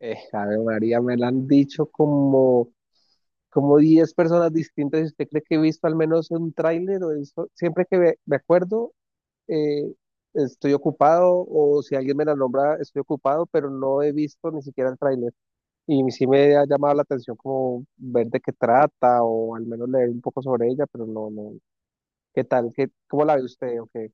Ave María, me la han dicho como, como 10 personas distintas. ¿Y usted cree que he visto al menos un tráiler o eso? Siempre que me acuerdo, eh, estoy ocupado. O si alguien me la nombra, estoy ocupado, pero no he visto ni siquiera el tráiler. Y sí me ha llamado la atención como ver de qué trata o al menos leer un poco sobre ella, pero no, no. ¿Qué tal? ¿Qué, cómo la ve usted? Okay.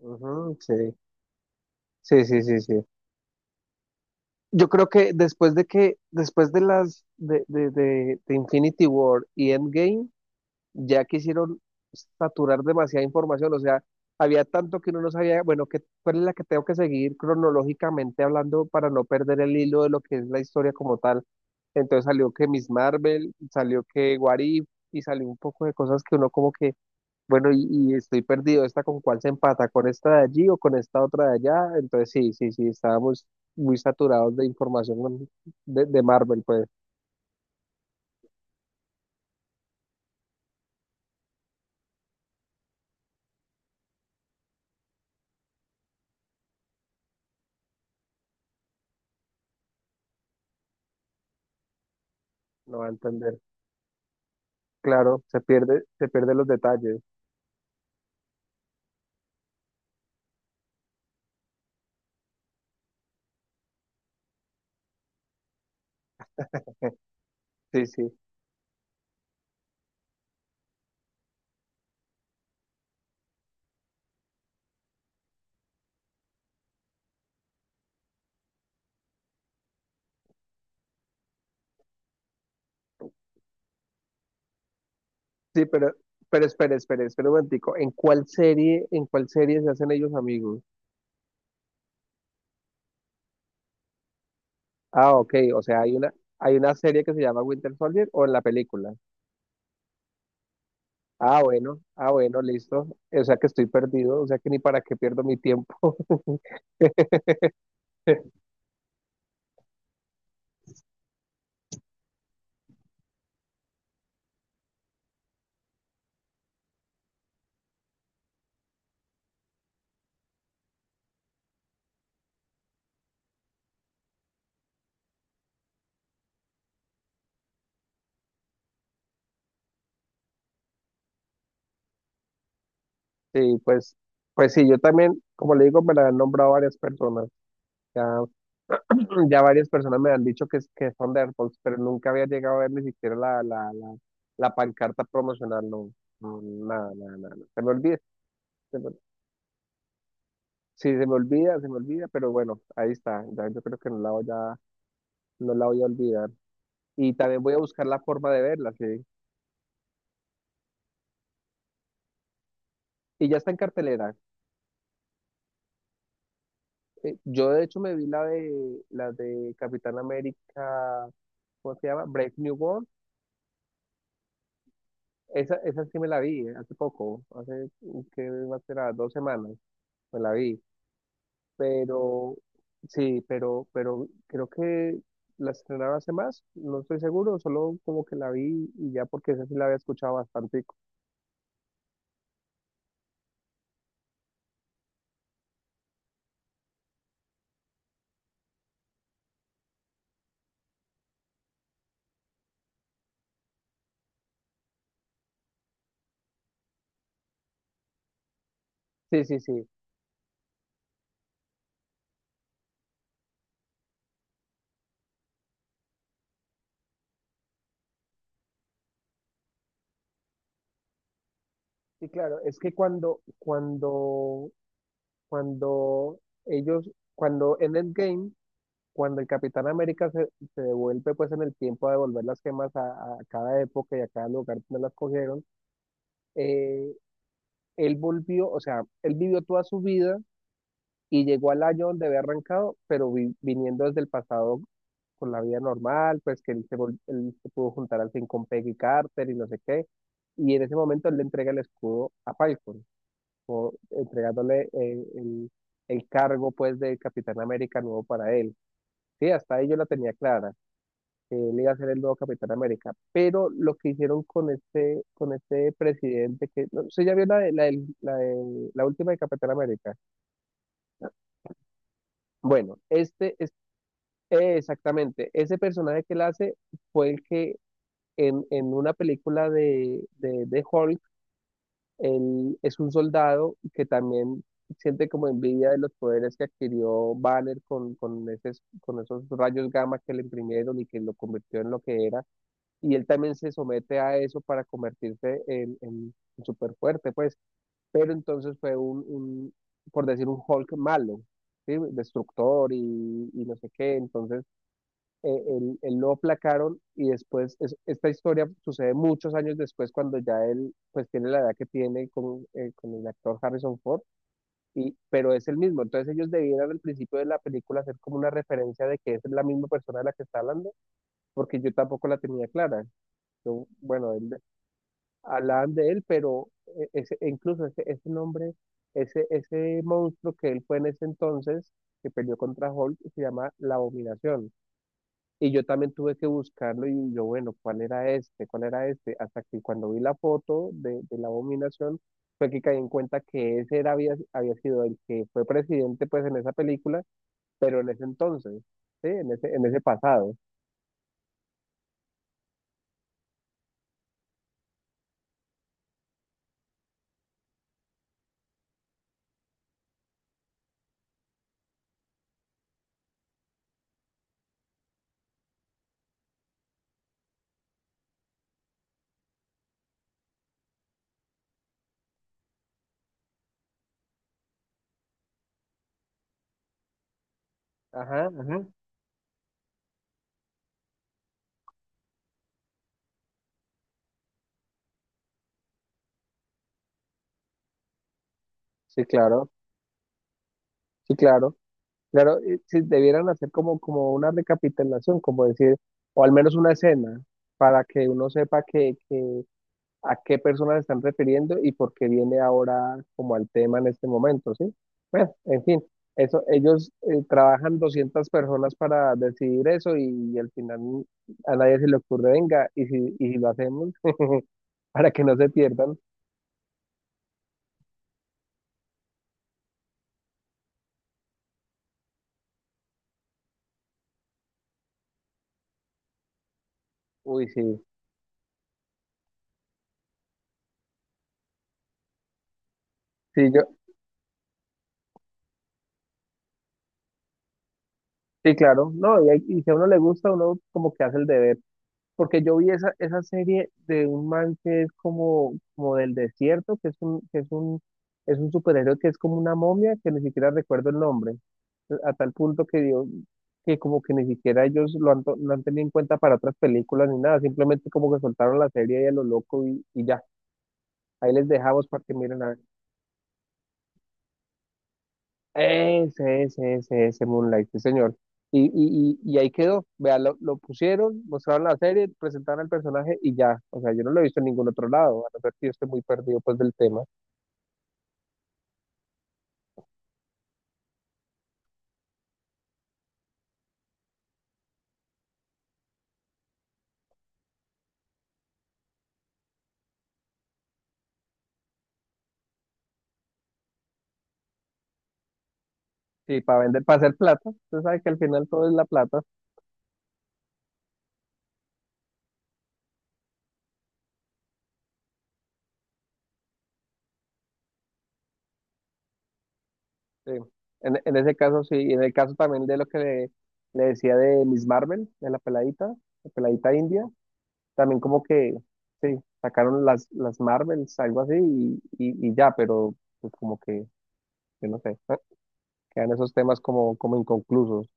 Ujú, sí, sí, sí, sí, sí. Yo creo que después de las de Infinity War y Endgame, ya quisieron saturar demasiada información. O sea, había tanto que uno no sabía, bueno, que cuál es la que tengo que seguir cronológicamente hablando para no perder el hilo de lo que es la historia como tal. Entonces salió que Miss Marvel, salió que What If, y salió un poco de cosas que uno como que bueno, y estoy perdido. ¿Esta con cuál se empata? ¿Con esta de allí o con esta otra de allá? Entonces, sí, sí, sí, estábamos muy saturados de información de Marvel, pues, no va a entender. Claro, se pierde los detalles. Sí, sí. Sí, pero espere, espere, espere un momentico. En cuál serie se hacen ellos amigos? Ah, ok, o sea, hay una serie que se llama Winter Soldier o en la película. Ah, bueno, ah, bueno, listo. O sea que estoy perdido, o sea que ni para qué pierdo mi tiempo. Sí, pues, pues sí, yo también, como le digo, me la han nombrado varias personas. Ya, ya varias personas me han dicho que son de AirPods, pero nunca había llegado a ver ni siquiera la pancarta promocional, no, no, nada, nada, nada, nada. Se me olvida, se me- sí, se me olvida, pero bueno, ahí está, ya, yo creo que no la voy a olvidar. Y también voy a buscar la forma de verla, sí. Y ya está en cartelera. Yo de hecho me vi la la de Capitán América, ¿cómo se llama? Brave New World. Esa sí me la vi hace poco, hace que va a ser a 2 semanas, me la vi, pero sí, pero creo que la estrenaron hace más, no estoy seguro, solo como que la vi y ya porque esa sí la había escuchado bastante. Sí, sí, sí. Sí, claro, es que cuando ellos, cuando en Endgame, cuando el Capitán América se, se devuelve pues en el tiempo a devolver las gemas a cada época y a cada lugar donde las cogieron, eh, él volvió, o sea, él vivió toda su vida y llegó al año donde había arrancado, pero viniendo desde el pasado con la vida normal, pues que él se pudo juntar al fin con Peggy Carter y no sé qué. Y en ese momento él le entrega el escudo a Falcon, o entregándole el cargo pues de Capitán América nuevo para él. Sí, hasta ahí yo la tenía clara que él iba a ser el nuevo Capitán América. Pero lo que hicieron con este presidente, que no sé, ya vio la, de- la, del- la, del- la última de Capitán América. Bueno, este es exactamente, ese personaje que él hace fue el que en una película de Hulk, él es un soldado que también siente como envidia de los poderes que adquirió Banner con esos rayos gamma que le imprimieron y que lo convirtió en lo que era. Y él también se somete a eso para convertirse en, en súper fuerte, pues, pero entonces fue por decir, un Hulk malo, ¿sí? Destructor y no sé qué. Entonces él lo aplacaron y después, esta historia sucede muchos años después cuando ya él, pues, tiene la edad que tiene con el actor Harrison Ford, y, pero es el mismo. Entonces ellos debieran al principio de la película hacer como una referencia de que es la misma persona de la que está hablando, porque yo tampoco la tenía clara. Yo, bueno, él hablaban de él, pero ese, e incluso ese, ese nombre, ese monstruo que él fue en ese entonces, que peleó contra Hulk, se llama La Abominación. Y yo también tuve que buscarlo y yo, bueno, ¿cuál era este? ¿Cuál era este? Hasta que cuando vi la foto de La Abominación, fue que caí en cuenta que ese era, había, había sido el que fue presidente pues en esa película, pero en ese entonces, ¿sí? En ese pasado. Ajá, ajá. Sí, claro, sí, claro. Claro, y si debieran hacer como, como una recapitulación, como decir, o al menos una escena, para que uno sepa a qué personas se están refiriendo y por qué viene ahora como al tema en este momento, ¿sí? Bueno, en fin, eso, ellos trabajan 200 personas para decidir eso y, al final a nadie se le ocurre, venga, y si lo hacemos, para que no se pierdan. Uy, sí, sí, yo, sí, claro, no, y, y si a uno le gusta, uno como que hace el deber. Porque yo vi esa, esa serie de un man que es como, como del desierto, que es es un superhéroe que es como una momia, que ni siquiera recuerdo el nombre, a tal punto que dio, que como que ni siquiera ellos lo han, lo han tenido en cuenta para otras películas ni nada, simplemente como que soltaron la serie y a lo loco y ya, ahí les dejamos para que miren a ver. Ese Moonlight, sí, señor. Y ahí quedó. Vea, lo pusieron, mostraron la serie, presentaron al personaje y ya. O sea, yo no lo he visto en ningún otro lado, a no ser que yo esté muy perdido pues del tema. Sí, para vender, para hacer plata. Usted sabe que al final todo es la plata. Sí. En ese caso sí, y en el caso también de lo que le decía de Miss Marvel, de la peladita india. También como que, sí, sacaron las Marvels, algo así, y ya, pero pues como que, yo no sé, ¿eh? Quedan esos temas como, como inconclusos.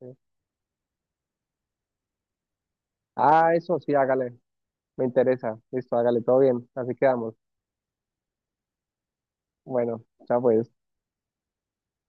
¿Sí? Ah, eso sí, hágale, me interesa, listo, hágale, todo bien, así quedamos. Bueno, ya pues.